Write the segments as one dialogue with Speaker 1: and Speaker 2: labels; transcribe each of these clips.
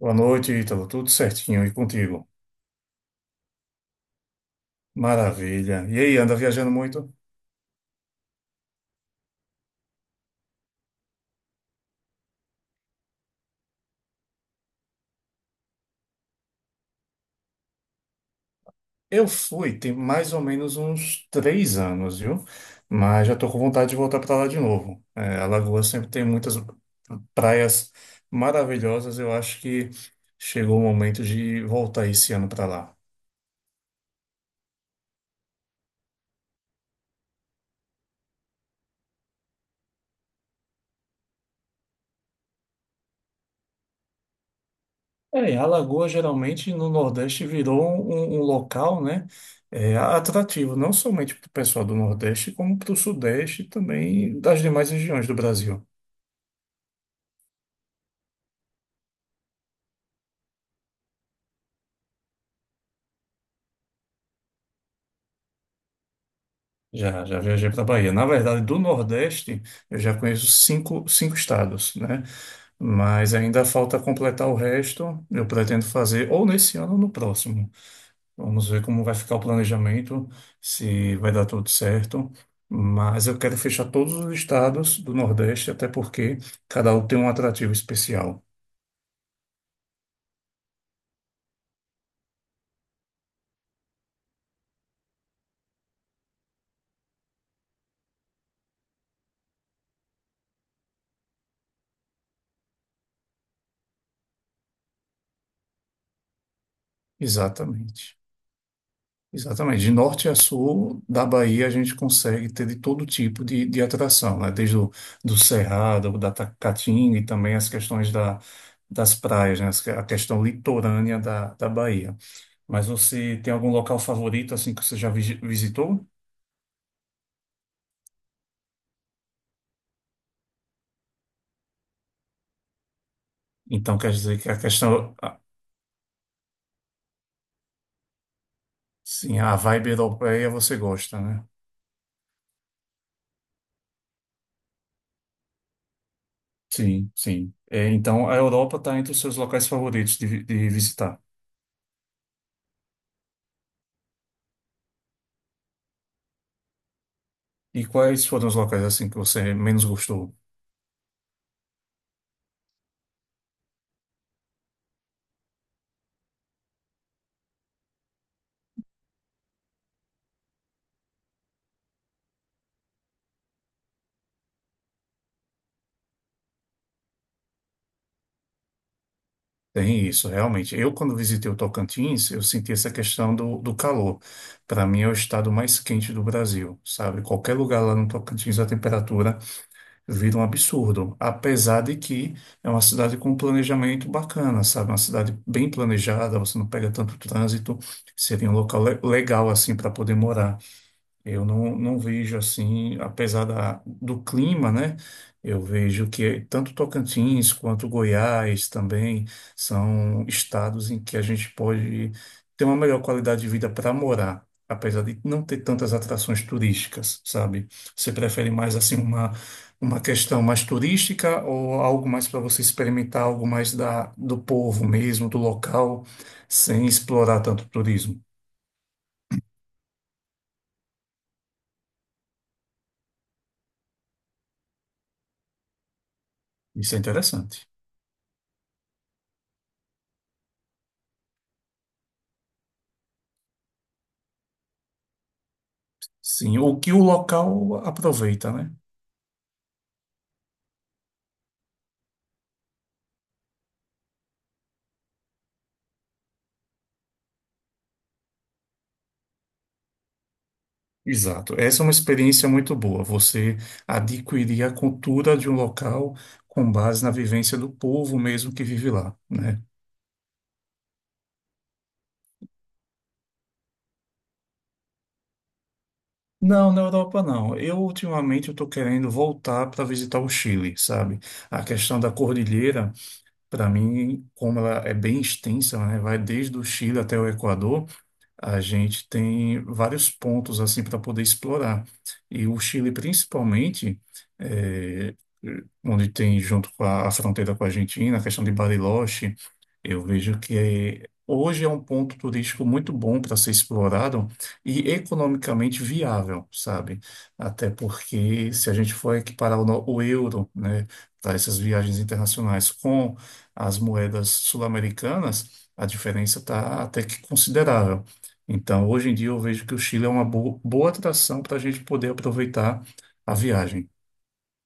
Speaker 1: Boa noite, Ítalo. Tudo certinho e contigo? Maravilha. E aí, anda viajando muito? Eu fui, tem mais ou menos uns três anos, viu? Mas já tô com vontade de voltar para lá de novo. É, Alagoas sempre tem muitas praias maravilhosas. Eu acho que chegou o momento de voltar esse ano para lá. É, Alagoas geralmente no Nordeste virou um local, né, é, atrativo, não somente para o pessoal do Nordeste, como para o Sudeste e também das demais regiões do Brasil. Já viajei para a Bahia. Na verdade, do Nordeste, eu já conheço cinco estados, né? Mas ainda falta completar o resto. Eu pretendo fazer ou nesse ano ou no próximo. Vamos ver como vai ficar o planejamento, se vai dar tudo certo. Mas eu quero fechar todos os estados do Nordeste, até porque cada um tem um atrativo especial. Exatamente. Exatamente. De norte a sul da Bahia, a gente consegue ter de todo tipo de atração, né? Desde o do Cerrado, Caatinga e também as questões das praias, né? A questão litorânea da Bahia. Mas você tem algum local favorito, assim, que você já visitou? Então, quer dizer que a questão, sim, a vibe europeia você gosta, né? Sim, sim. É, então, a Europa está entre os seus locais favoritos de visitar. E quais foram os locais, assim, que você menos gostou? Tem isso, realmente. Eu, quando visitei o Tocantins, eu senti essa questão do calor. Para mim, é o estado mais quente do Brasil, sabe? Qualquer lugar lá no Tocantins, a temperatura vira um absurdo. Apesar de que é uma cidade com um planejamento bacana, sabe? Uma cidade bem planejada, você não pega tanto trânsito, seria um local legal, assim, para poder morar. Eu não, não vejo assim, apesar do clima, né? Eu vejo que tanto Tocantins quanto Goiás também são estados em que a gente pode ter uma melhor qualidade de vida para morar, apesar de não ter tantas atrações turísticas, sabe? Você prefere mais assim uma questão mais turística ou algo mais para você experimentar, algo mais do povo mesmo, do local, sem explorar tanto o turismo? Isso é interessante. Sim, o que o local aproveita, né? Exato. Essa é uma experiência muito boa. Você adquirir a cultura de um local com base na vivência do povo mesmo que vive lá, né? Não, na Europa não. Eu ultimamente eu estou querendo voltar para visitar o Chile, sabe? A questão da cordilheira, para mim, como ela é bem extensa, né? Vai desde o Chile até o Equador. A gente tem vários pontos assim para poder explorar. E o Chile, principalmente, é, onde tem junto com a fronteira com a Argentina, a questão de Bariloche, eu vejo que hoje é um ponto turístico muito bom para ser explorado e economicamente viável, sabe? Até porque se a gente for equiparar o, no- o euro, né, para essas viagens internacionais com as moedas sul-americanas, a diferença está até que considerável. Então, hoje em dia, eu vejo que o Chile é uma boa atração para a gente poder aproveitar a viagem.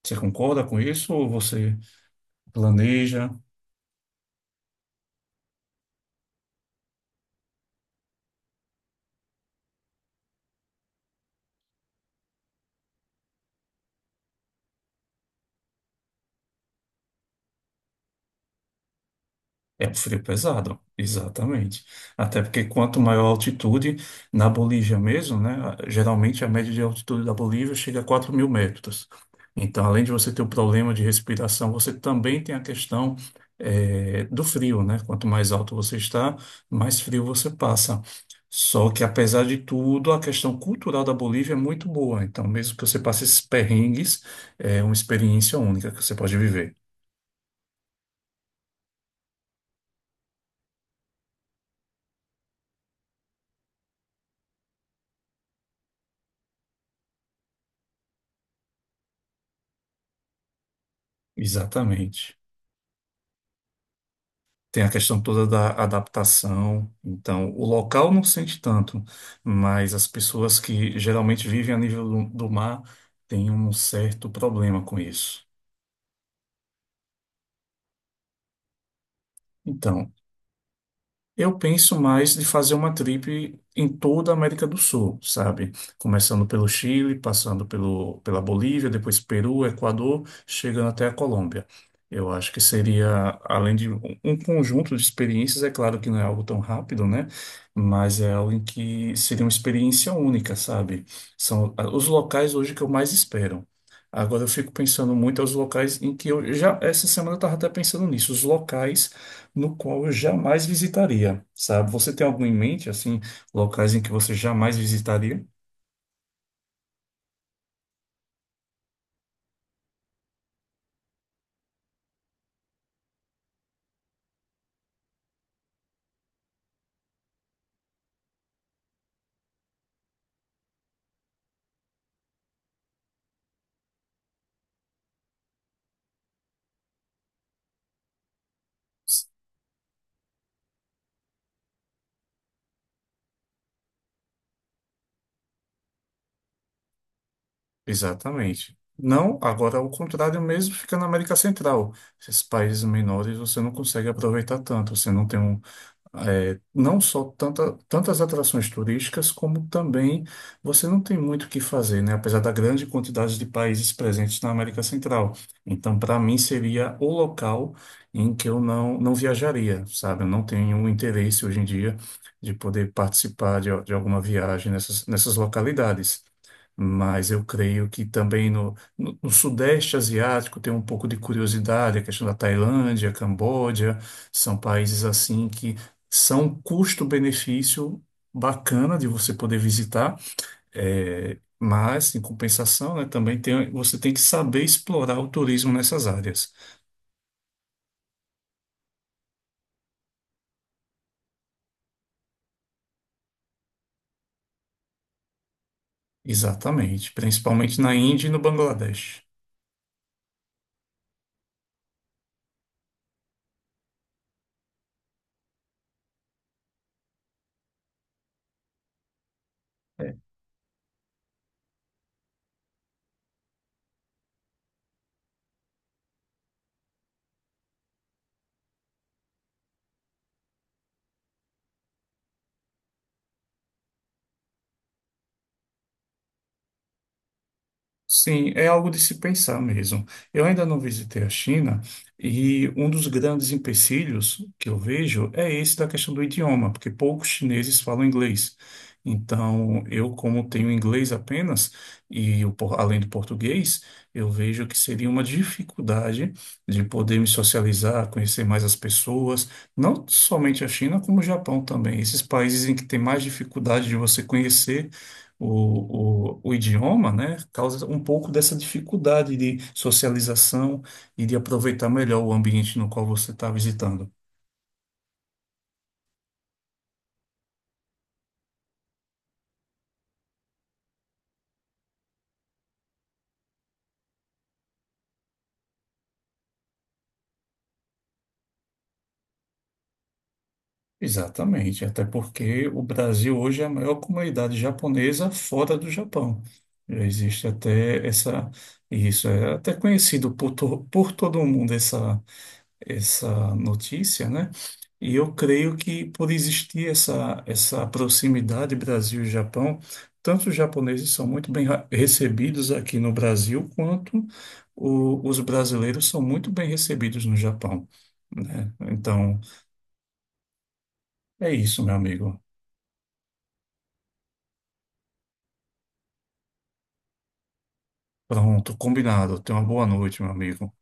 Speaker 1: Você concorda com isso ou você planeja? É um frio pesado, exatamente. Até porque quanto maior a altitude, na Bolívia mesmo, né? Geralmente a média de altitude da Bolívia chega a 4.000 metros. Então, além de você ter o problema de respiração, você também tem a questão do frio, né? Quanto mais alto você está, mais frio você passa. Só que, apesar de tudo, a questão cultural da Bolívia é muito boa. Então, mesmo que você passe esses perrengues, é uma experiência única que você pode viver. Exatamente. Tem a questão toda da adaptação. Então, o local não sente tanto, mas as pessoas que geralmente vivem a nível do mar têm um certo problema com isso. Então, eu penso mais de fazer uma trip em toda a América do Sul, sabe? Começando pelo Chile, passando pela Bolívia, depois Peru, Equador, chegando até a Colômbia. Eu acho que seria, além de um conjunto de experiências, é claro que não é algo tão rápido, né? Mas é algo em que seria uma experiência única, sabe? São ah, os locais hoje que eu mais espero. Agora eu fico pensando muito aos locais em que essa semana eu estava até pensando nisso, os locais no qual eu jamais visitaria, sabe? Você tem algum em mente, assim, locais em que você jamais visitaria? Exatamente. Não, agora ao contrário mesmo, fica na América Central. Esses países menores você não consegue aproveitar tanto, você não tem um, é, não só tantas atrações turísticas, como também você não tem muito o que fazer, né? Apesar da grande quantidade de países presentes na América Central. Então, para mim, seria o local em que eu não, não viajaria, sabe? Eu não tenho interesse hoje em dia de poder participar de alguma viagem nessas localidades. Mas eu creio que também no Sudeste Asiático tem um pouco de curiosidade, a questão da Tailândia, Camboja, são países assim que são um custo-benefício bacana de você poder visitar, é, mas, em compensação, né, também tem, você tem que saber explorar o turismo nessas áreas. Exatamente, principalmente na Índia e no Bangladesh. Sim, é algo de se pensar mesmo. Eu ainda não visitei a China e um dos grandes empecilhos que eu vejo é esse da questão do idioma, porque poucos chineses falam inglês. Então, eu, como tenho inglês apenas, e o além do português, eu vejo que seria uma dificuldade de poder me socializar, conhecer mais as pessoas, não somente a China, como o Japão também, esses países em que tem mais dificuldade de você conhecer o idioma, né, causa um pouco dessa dificuldade de socialização e de aproveitar melhor o ambiente no qual você está visitando. Exatamente, até porque o Brasil hoje é a maior comunidade japonesa fora do Japão. Já existe até essa, isso é até conhecido por todo mundo essa notícia, né? E eu creio que por existir essa proximidade Brasil e Japão, tanto os japoneses são muito bem recebidos aqui no Brasil, quanto os brasileiros são muito bem recebidos no Japão, né? Então, é isso, meu amigo. Pronto, combinado. Tenha uma boa noite, meu amigo.